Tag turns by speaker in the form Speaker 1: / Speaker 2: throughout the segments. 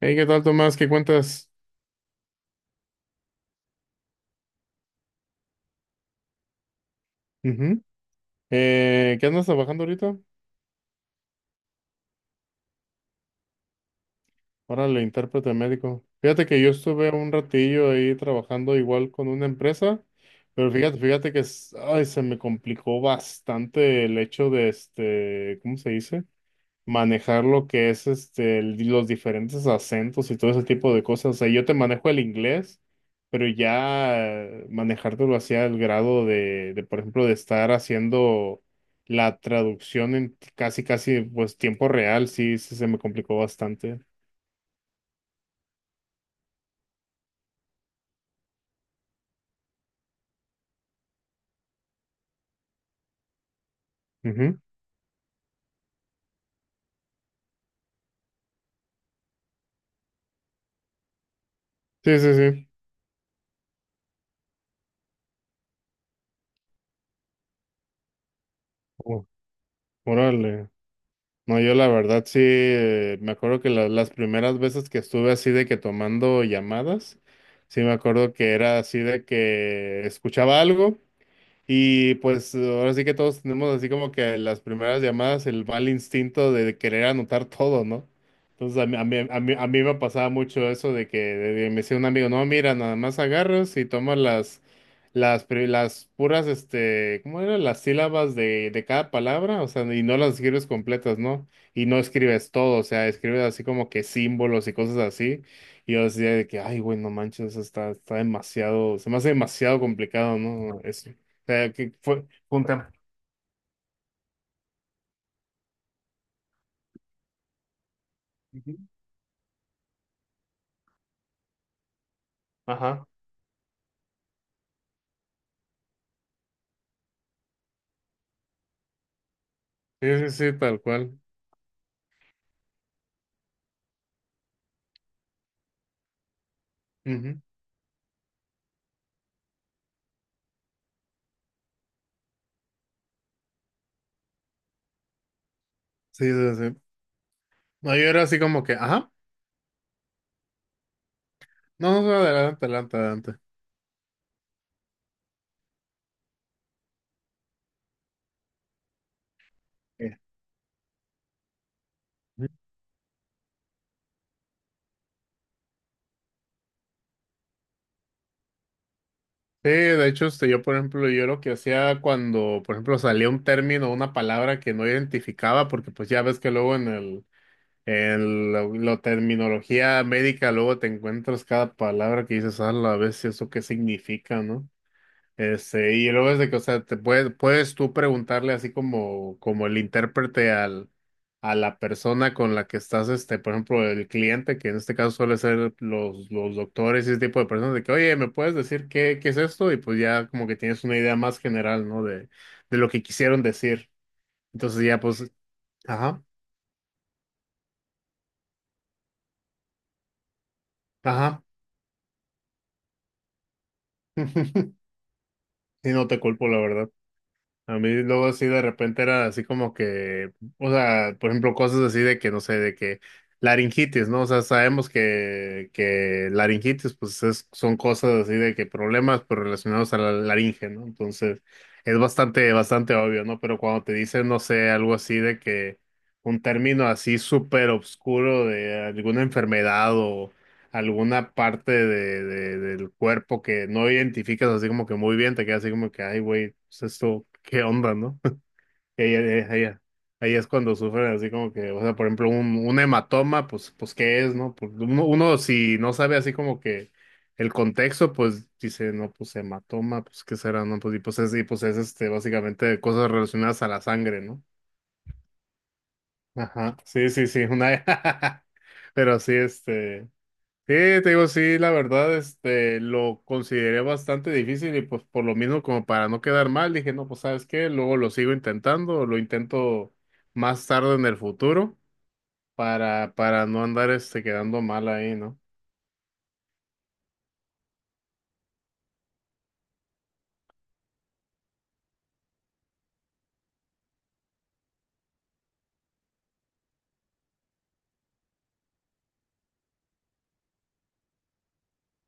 Speaker 1: Hey, ¿qué tal, Tomás? ¿Qué cuentas? Ujú. ¿Qué andas trabajando ahorita? Órale, intérprete médico. Fíjate que yo estuve un ratillo ahí trabajando igual con una empresa, pero fíjate que ay, se me complicó bastante el hecho de ¿cómo se dice? Manejar lo que es los diferentes acentos y todo ese tipo de cosas. O sea, yo te manejo el inglés, pero ya manejártelo hacia el grado de, por ejemplo, de estar haciendo la traducción en casi, casi, pues, tiempo real, sí, sí se me complicó bastante. Ujú. Sí, sí, sí. Oh, órale. No, yo la verdad sí, me acuerdo que las primeras veces que estuve así de que tomando llamadas, sí me acuerdo que era así de que escuchaba algo. Y pues ahora sí que todos tenemos así como que las primeras llamadas, el mal instinto de querer anotar todo, ¿no? Entonces a mí me pasaba mucho eso de que me decía un amigo, no, mira, nada más agarras y tomas las puras, ¿cómo eran? Las sílabas de cada palabra, o sea, y no las escribes completas, ¿no? Y no escribes todo, o sea, escribes así como que símbolos y cosas así. Y yo decía de que, ay, güey, no manches, está demasiado, se me hace demasiado complicado, ¿no? Sea, que fue un... Ujú. Ajá. Sí, sí, sí, tal cual. Ujú. Sí, sí, sí. No, yo era así como que, ajá. No, no, no, adelante, adelante, adelante. Eh. Ujú. Sí, de hecho, yo, por ejemplo, yo lo que hacía cuando, por ejemplo, salía un término, una palabra que no identificaba, porque pues ya ves que luego en el, en la, la terminología médica, luego te encuentras cada palabra que dices, a la vez, ¿eso qué significa, no? Y luego es de que, o sea, te puedes, puedes tú preguntarle así como, como el intérprete al, a la persona con la que estás, por ejemplo, el cliente, que en este caso suele ser los doctores y ese tipo de personas, de que, oye, ¿me puedes decir qué, qué es esto? Y pues ya como que tienes una idea más general, ¿no? De lo que quisieron decir. Entonces ya pues, ajá, ajá. Y no te culpo, la verdad. A mí luego así de repente era así como que, o sea, por ejemplo, cosas así de que, no sé, de que laringitis, ¿no? O sea, sabemos que laringitis, pues son cosas así de que problemas, pero relacionados a la laringe, ¿no? Entonces, es bastante, bastante obvio, ¿no? Pero cuando te dicen, no sé, algo así de que un término así súper obscuro de alguna enfermedad, alguna parte de, del cuerpo que no identificas así como que muy bien, te quedas así como que, ay, güey, pues esto, ¿qué onda, no? Y ahí es cuando sufren así como que, o sea, por ejemplo, un hematoma, pues, pues, ¿qué es, no? Pues, uno, uno si no sabe así como que el contexto, pues dice, no, pues hematoma, pues, ¿qué será, no? Pues, y pues es básicamente cosas relacionadas a la sangre, ¿no? Ajá, sí, sí, sí, una... Pero sí, este... Sí, te digo, sí, la verdad, lo consideré bastante difícil y pues por lo mismo como para no quedar mal, dije, no, pues sabes qué, luego lo sigo intentando, lo intento más tarde en el futuro para no andar, quedando mal ahí, ¿no?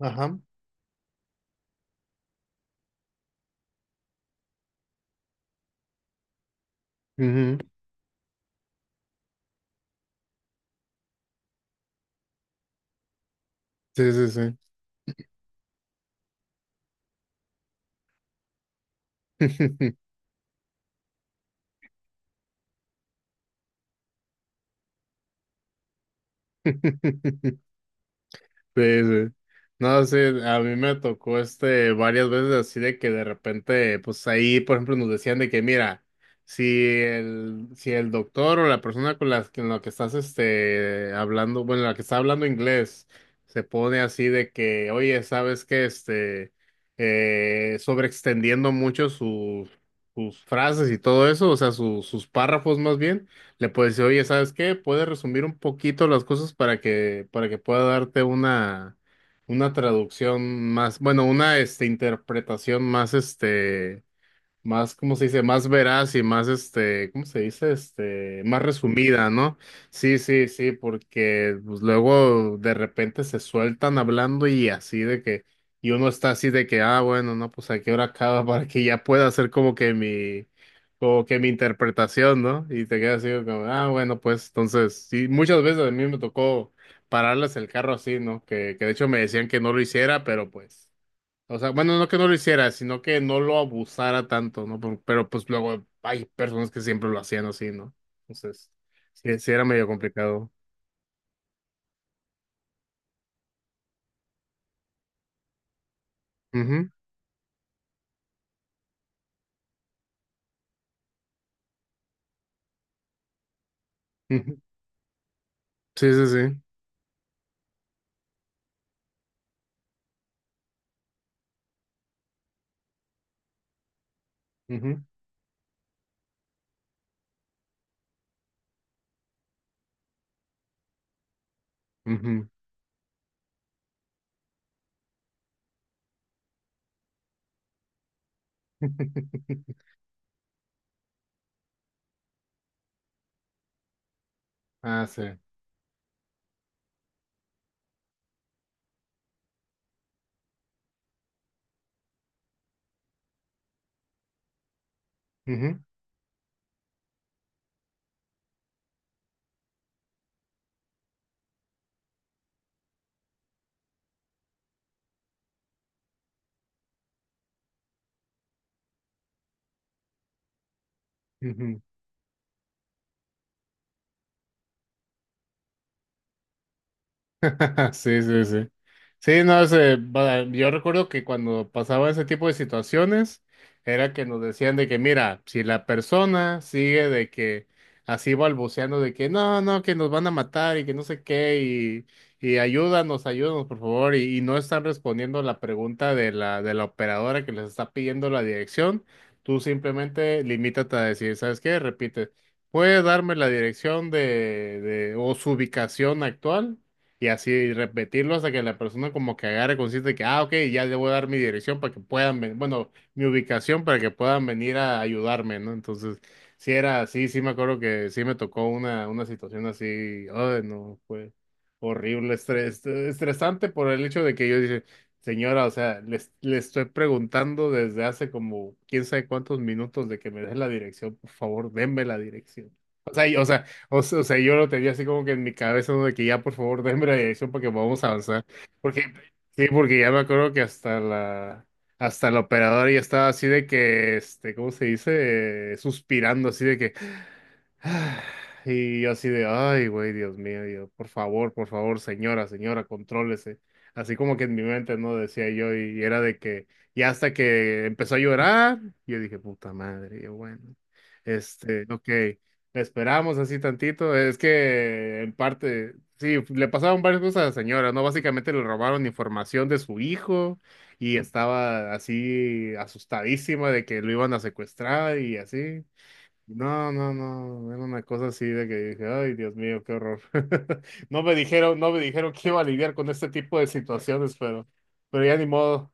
Speaker 1: Ajá. Ujú. Sí, sí, sí. Sí, sí. No, sí, a mí me tocó varias veces así de que de repente, pues ahí, por ejemplo, nos decían de que, mira, si el, si el doctor o la persona con la que estás hablando, bueno, la que está hablando inglés, se pone así de que, oye, ¿sabes qué? Sobreextendiendo mucho sus, sus frases y todo eso, o sea, sus párrafos más bien le puedes decir, oye, ¿sabes qué? Puedes resumir un poquito las cosas para que pueda darte una traducción más, bueno, una, interpretación más, más, ¿cómo se dice? Más veraz y más, ¿cómo se dice? Más resumida, ¿no? Sí, sí, sí, porque pues, luego de repente se sueltan hablando y así de que, y uno está así de que, ah, bueno, no, pues a qué hora acaba para que ya pueda hacer como que mi interpretación, ¿no? Y te quedas así como, ah, bueno, pues entonces, sí, muchas veces a mí me tocó pararles el carro así, ¿no? Que de hecho me decían que no lo hiciera, pero pues. O sea, bueno, no que no lo hiciera, sino que no lo abusara tanto, ¿no? Pues luego hay personas que siempre lo hacían así, ¿no? Entonces, sí, sí era medio complicado. Ujú, ujú. Sí, sí, sí. Ujú, ujú. Ah, sí. Ujú, ujú. Sí, sí, sí. Sí, no, ese, yo recuerdo que cuando pasaba ese tipo de situaciones, era que nos decían de que, mira, si la persona sigue de que así balbuceando de que no, no, que nos van a matar y que no sé qué, y ayúdanos, ayúdanos, por favor, y no están respondiendo la pregunta de la operadora que les está pidiendo la dirección, tú simplemente limítate a decir, ¿sabes qué? Repite, ¿puede darme la dirección de o su ubicación actual? Y así repetirlo hasta que la persona como que agarre consciente de que, ah, ok, ya le voy a dar mi dirección para que puedan venir, bueno, mi ubicación para que puedan venir a ayudarme, ¿no? Entonces, sí era así, sí me acuerdo que sí me tocó una situación así, ay, no, fue horrible, estresante por el hecho de que yo dije, señora, o sea, le, le estoy preguntando desde hace como quién sabe cuántos minutos de que me dé la dirección, por favor, denme la dirección. O sea, o sea, yo lo tenía así como que en mi cabeza, ¿no? De que ya por favor denme la dirección porque vamos a avanzar. Porque, sí, porque ya me acuerdo que hasta la operadora ya estaba así de que, ¿cómo se dice? Suspirando así de que, "Ah", y yo así de, ay, güey, Dios mío, yo, por favor, señora, señora, contrólese. Así como que en mi mente, ¿no? Decía yo, y era de que, ya hasta que empezó a llorar, yo dije, puta madre, yo, bueno, ok. Esperamos así tantito. Es que en parte, sí, le pasaron varias cosas a la señora, ¿no? Básicamente le robaron información de su hijo y estaba así asustadísima de que lo iban a secuestrar y así. No, no, no, era una cosa así de que dije, ay, Dios mío, qué horror. No me dijeron, no me dijeron que iba a lidiar con este tipo de situaciones, pero ya ni modo,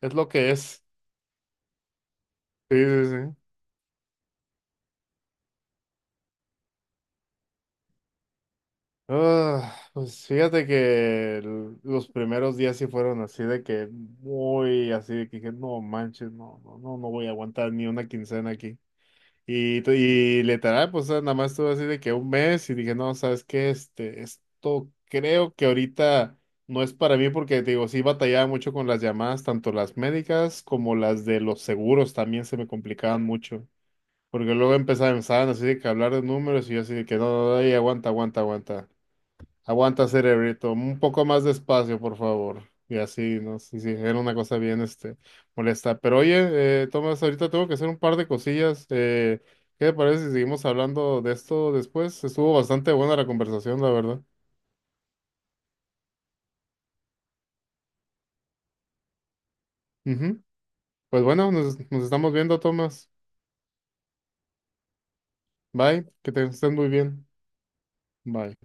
Speaker 1: es lo que es. Sí, sí, sí. Ah, pues fíjate que los primeros días sí fueron así de que muy así de que dije, no manches, no, no, no, no voy a aguantar ni una quincena aquí. Y literal, pues nada más estuve así de que un mes y dije, no, ¿sabes qué? Esto creo que ahorita no es para mí porque te digo, sí batallaba mucho con las llamadas, tanto las médicas como las de los seguros también se me complicaban mucho. Porque luego empezaban así de que hablar de números y yo así de que no, no, no, ey, aguanta, aguanta, aguanta. Aguanta, cerebrito. Un poco más despacio, por favor. Y así, ¿no? Sí, sí, era una cosa bien, molesta. Pero oye, Tomás, ahorita tengo que hacer un par de cosillas. ¿Qué te parece si seguimos hablando de esto después? Estuvo bastante buena la conversación, la verdad. Ujú. Pues bueno, nos estamos viendo, Tomás. Bye, que te estés muy bien. Bye.